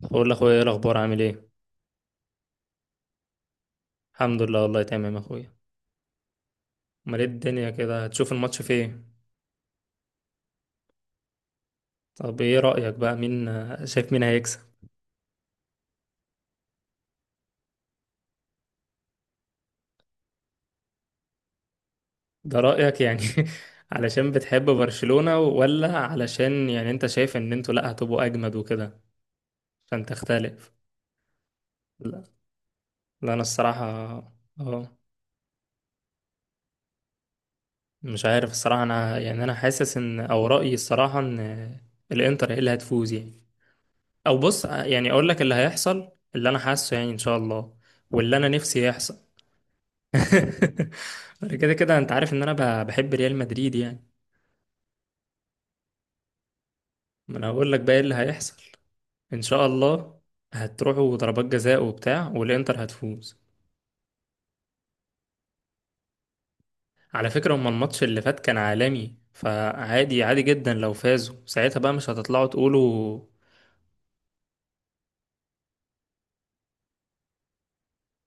بقول لاخويا ايه الاخبار، عامل ايه؟ الحمد لله، والله تمام يا اخويا. امال ايه الدنيا كده؟ هتشوف الماتش فين؟ طب ايه رايك بقى، مين شايف مين هيكسب؟ ده رايك يعني؟ علشان بتحب برشلونة ولا علشان يعني انت شايف ان انتوا لا هتبقوا اجمد وكده؟ عشان تختلف. لا، لا انا الصراحه. اه. مش عارف الصراحه، انا يعني انا حاسس ان او رايي الصراحه ان الانتر هي اللي هتفوز يعني. او بص، يعني اقول لك اللي هيحصل. اللي انا حاسه يعني ان شاء الله، واللي انا نفسي يحصل. أنا كده كده انت عارف ان انا بحب ريال مدريد يعني. ما انا هقول لك بقى ايه اللي هيحصل. ان شاء الله هتروحوا ضربات جزاء وبتاع والانتر هتفوز. على فكرة، هما الماتش اللي فات كان عالمي، فعادي عادي جدا لو فازوا ساعتها، بقى مش هتطلعوا تقولوا.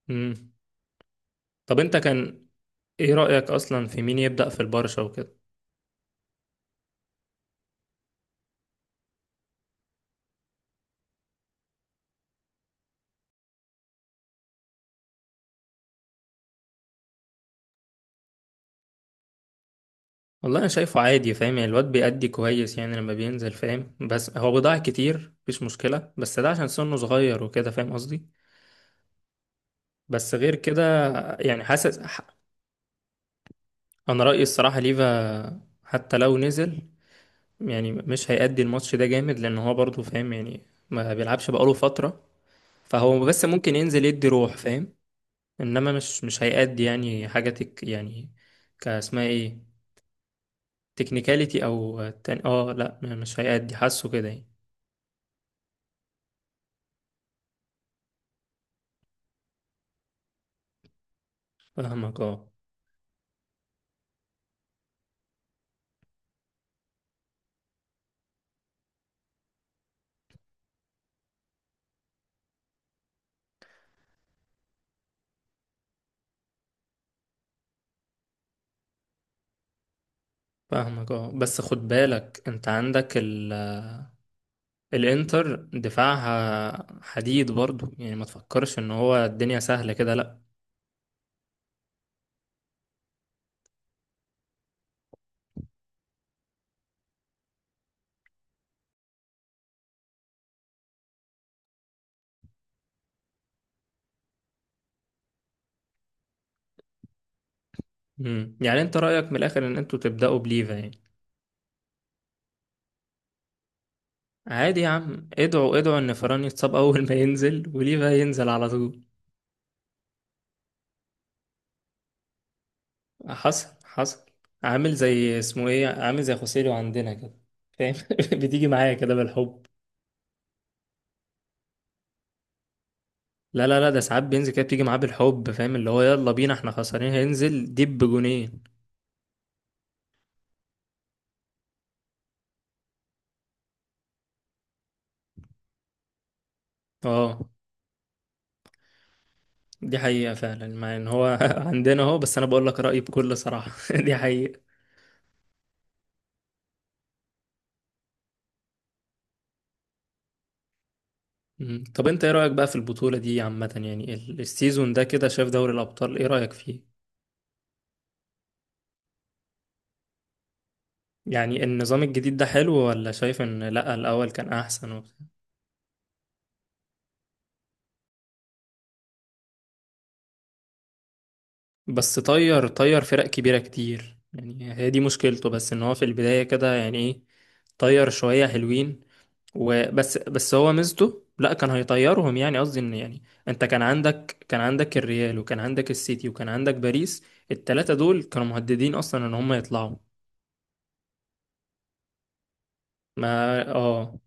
مم. طب انت كان ايه رأيك اصلا في مين يبدأ في البرشا وكده؟ والله انا شايفه عادي، فاهم يعني؟ الواد بيأدي كويس يعني لما بينزل، فاهم؟ بس هو بيضيع كتير، مفيش مشكلة، بس ده عشان سنه صغير وكده، فاهم قصدي. بس غير كده. يعني حاسس انا رأيي الصراحة ليفا حتى لو نزل، يعني مش هيأدي الماتش ده جامد، لان هو برضه فاهم يعني ما بيلعبش بقاله فترة. فهو بس ممكن ينزل يدي روح، فاهم. انما مش هيأدي يعني حاجة تك يعني. كاسمها ايه؟ تكنيكاليتي او تاني. اه لا مش هيأدي، حاسه كده يعني. فاهمك اه. فاهمك اه. بس خد بالك انت عندك الانتر دفاعها حديد برضو، يعني ما تفكرش ان هو الدنيا سهلة كده، لا. مم. يعني انت رأيك من الاخر ان انتوا تبدأوا بليفا يعني؟ عادي يا عم، ادعوا ادعوا ان فران يتصاب اول ما ينزل وليفا ينزل على طول. حصل حصل. عامل زي اسمه ايه، عامل زي خوسيلو عندنا كده، فاهم. بتيجي معايا كده بالحب. لا لا لا، ده ساعات بينزل كده بتيجي معاه بالحب، فاهم اللي هو يلا بينا احنا خسرانين هينزل دب جونين. اه. دي حقيقة فعلا، مع ان هو عندنا اهو، بس انا بقول لك رأيي بكل صراحة. دي حقيقة. مم. طب انت ايه رأيك بقى في البطولة دي عامة، يعني السيزون ده كده، شايف دوري الابطال ايه رأيك فيه؟ يعني النظام الجديد ده حلو، ولا شايف ان لا الاول كان احسن وبتاع؟ بس طير طير فرق كبيرة كتير يعني، هي دي مشكلته بس، ان هو في البداية كده يعني ايه، طير شوية حلوين وبس. بس هو ميزته، لا كان هيطيرهم يعني، قصدي ان يعني انت كان عندك الريال وكان عندك السيتي وكان عندك باريس، التلاتة دول كانوا مهددين اصلا ان هم يطلعوا. ما اه.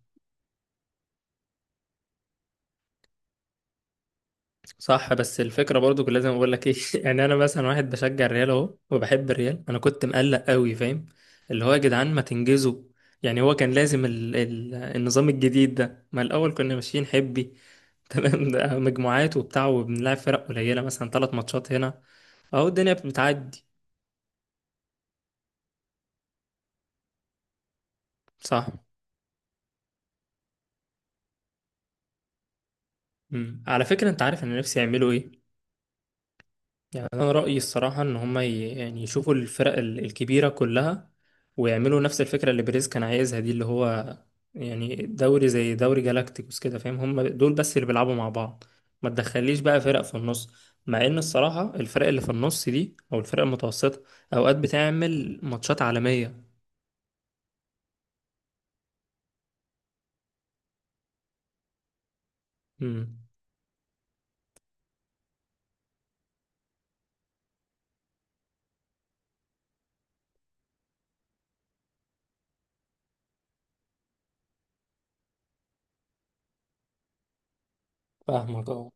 صح، بس الفكرة برضو كنت لازم اقول لك ايه. يعني انا مثلا واحد بشجع الريال اهو، وبحب الريال، انا كنت مقلق قوي، فاهم. اللي هو يا جدعان ما تنجزوا. يعني هو كان لازم النظام الجديد ده. ما الاول كنا ماشيين حبي. تمام، ده مجموعات وبتاع وبنلعب فرق قليلة، مثلا ثلاث ماتشات هنا. اهو الدنيا بتعدي. صح. مم. على فكرة انت عارف انا نفسي يعملوا ايه؟ يعني انا رأيي الصراحة ان هما يعني يشوفوا الفرق الكبيرة كلها، ويعملوا نفس الفكرة اللي بيريز كان عايزها دي، اللي هو يعني دوري زي دوري جالاكتيكوس كده، فاهم. هما دول بس اللي بيلعبوا مع بعض. ما تدخليش بقى فرق في النص. مع ان الصراحة الفرق اللي في النص دي، او الفرق المتوسطة، اوقات بتعمل ماتشات عالمية. مم. فاهمك اه.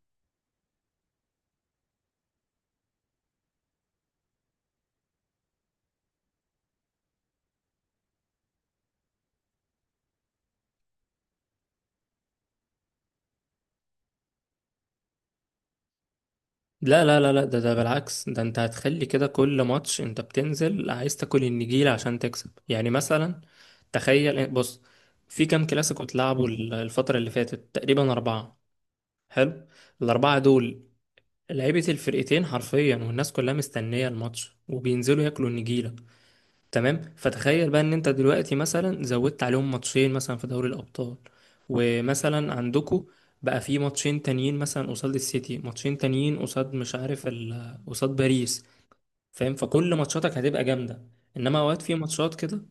لا لا لا لا، ده بالعكس، ده انت هتخلي كده كل ماتش انت بتنزل عايز تاكل النجيلة عشان تكسب يعني. مثلا تخيل، بص، في كام كلاسيكو اتلعبوا الفترة اللي فاتت؟ تقريبا أربعة. حلو. الأربعة دول لعيبة الفرقتين حرفيا، والناس كلها مستنية الماتش وبينزلوا ياكلوا النجيلة، تمام. فتخيل بقى ان انت دلوقتي مثلا زودت عليهم ماتشين مثلا في دوري الابطال، ومثلا عندكو بقى في ماتشين تانيين مثلا قصاد السيتي، ماتشين تانيين قصاد مش عارف قصاد باريس، فاهم. فكل ماتشاتك هتبقى جامده، انما اوقات في ماتشات كده.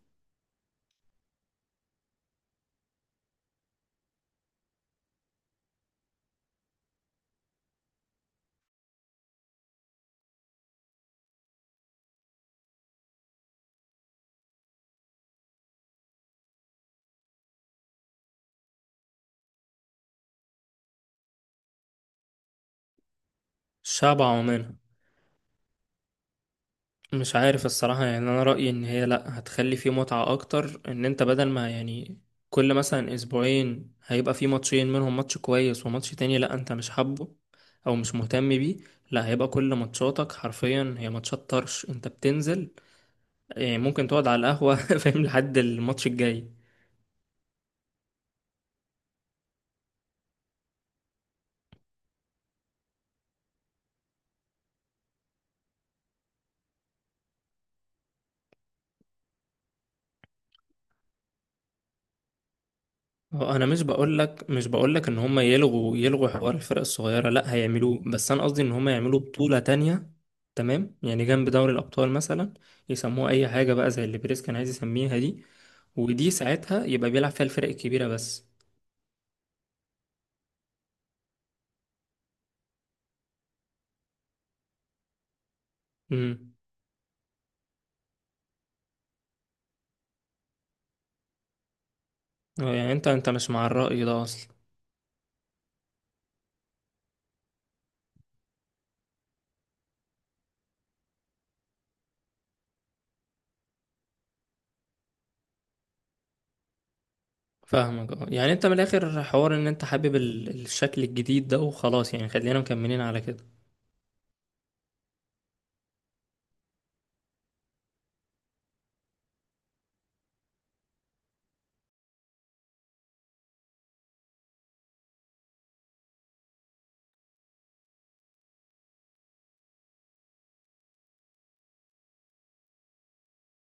الشعب عومان. مش عارف الصراحة يعني، أنا رأيي إن هي لأ، هتخلي فيه متعة أكتر. إن أنت بدل ما يعني كل مثلا أسبوعين هيبقى فيه ماتشين، منهم ماتش كويس وماتش تاني لأ أنت مش حابه أو مش مهتم بيه. لأ، هيبقى كل ماتشاتك حرفيا هي ماتشات طرش أنت بتنزل يعني، ممكن تقعد على القهوة فاهم، لحد الماتش الجاي. هو انا مش بقول لك ان هم يلغوا يلغوا حوار الفرق الصغيره، لا هيعملوه، بس انا قصدي ان هم يعملوا بطوله تانية. تمام، يعني جنب دوري الابطال مثلا، يسموها اي حاجه بقى زي اللي بريس كان عايز يسميها دي. ودي ساعتها يبقى بيلعب فيها الفرق الكبيره بس. امم. آه، يعني انت مش مع الراي ده اصلا. فاهمك اه. يعني انت من الاخر حوار ان انت حابب الشكل الجديد ده وخلاص يعني، خلينا مكملين على كده.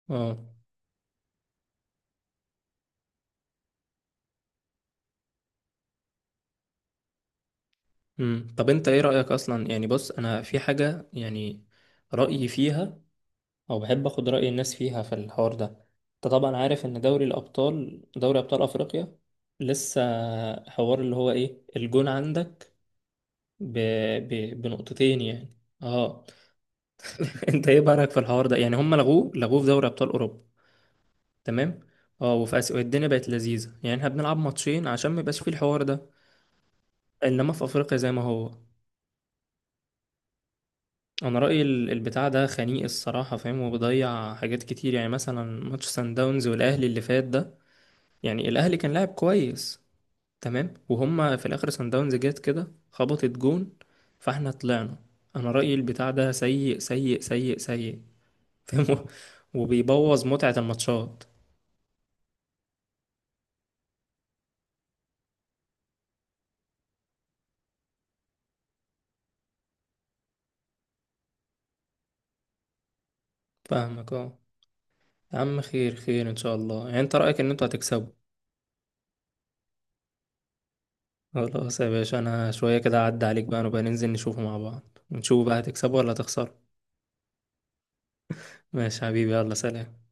اه. امم. طب انت ايه رايك اصلا، يعني بص انا في حاجه يعني رأيي فيها، او بحب اخد رأي الناس فيها في الحوار ده. انت طبعا عارف ان دوري الابطال، دوري ابطال افريقيا لسه حوار اللي هو ايه، الجون عندك ب... بنقطتين يعني. اه. انت ايه بقى في الحوار ده يعني؟ هم لغوه لغوه في دوري ابطال اوروبا. تمام. اه وفي اسيا الدنيا بقت لذيذة يعني، احنا بنلعب ماتشين عشان ما يبقاش فيه الحوار ده. انما في افريقيا زي ما هو. انا رأيي البتاع ده خنيق الصراحة، فاهم. وبيضيع حاجات كتير، يعني مثلا ماتش سان داونز والاهلي اللي فات ده، يعني الاهلي كان لاعب كويس، تمام. وهما في الاخر سان داونز جت كده خبطت جون، فاحنا طلعنا. انا رايي البتاع ده سيء سيء سيء سيء. فاهم. وبيبوظ متعه الماتشات. فاهمك اه. يا عم خير خير ان شاء الله، يعني انت رايك ان انتوا هتكسبوا. خلاص يا باشا، انا شويه كده اعدي عليك بقى، نبقى ننزل نشوفه مع بعض ونشوف بقى هتكسبوا ولا هتخسروا. ماشي يا حبيبي، يلا سلام.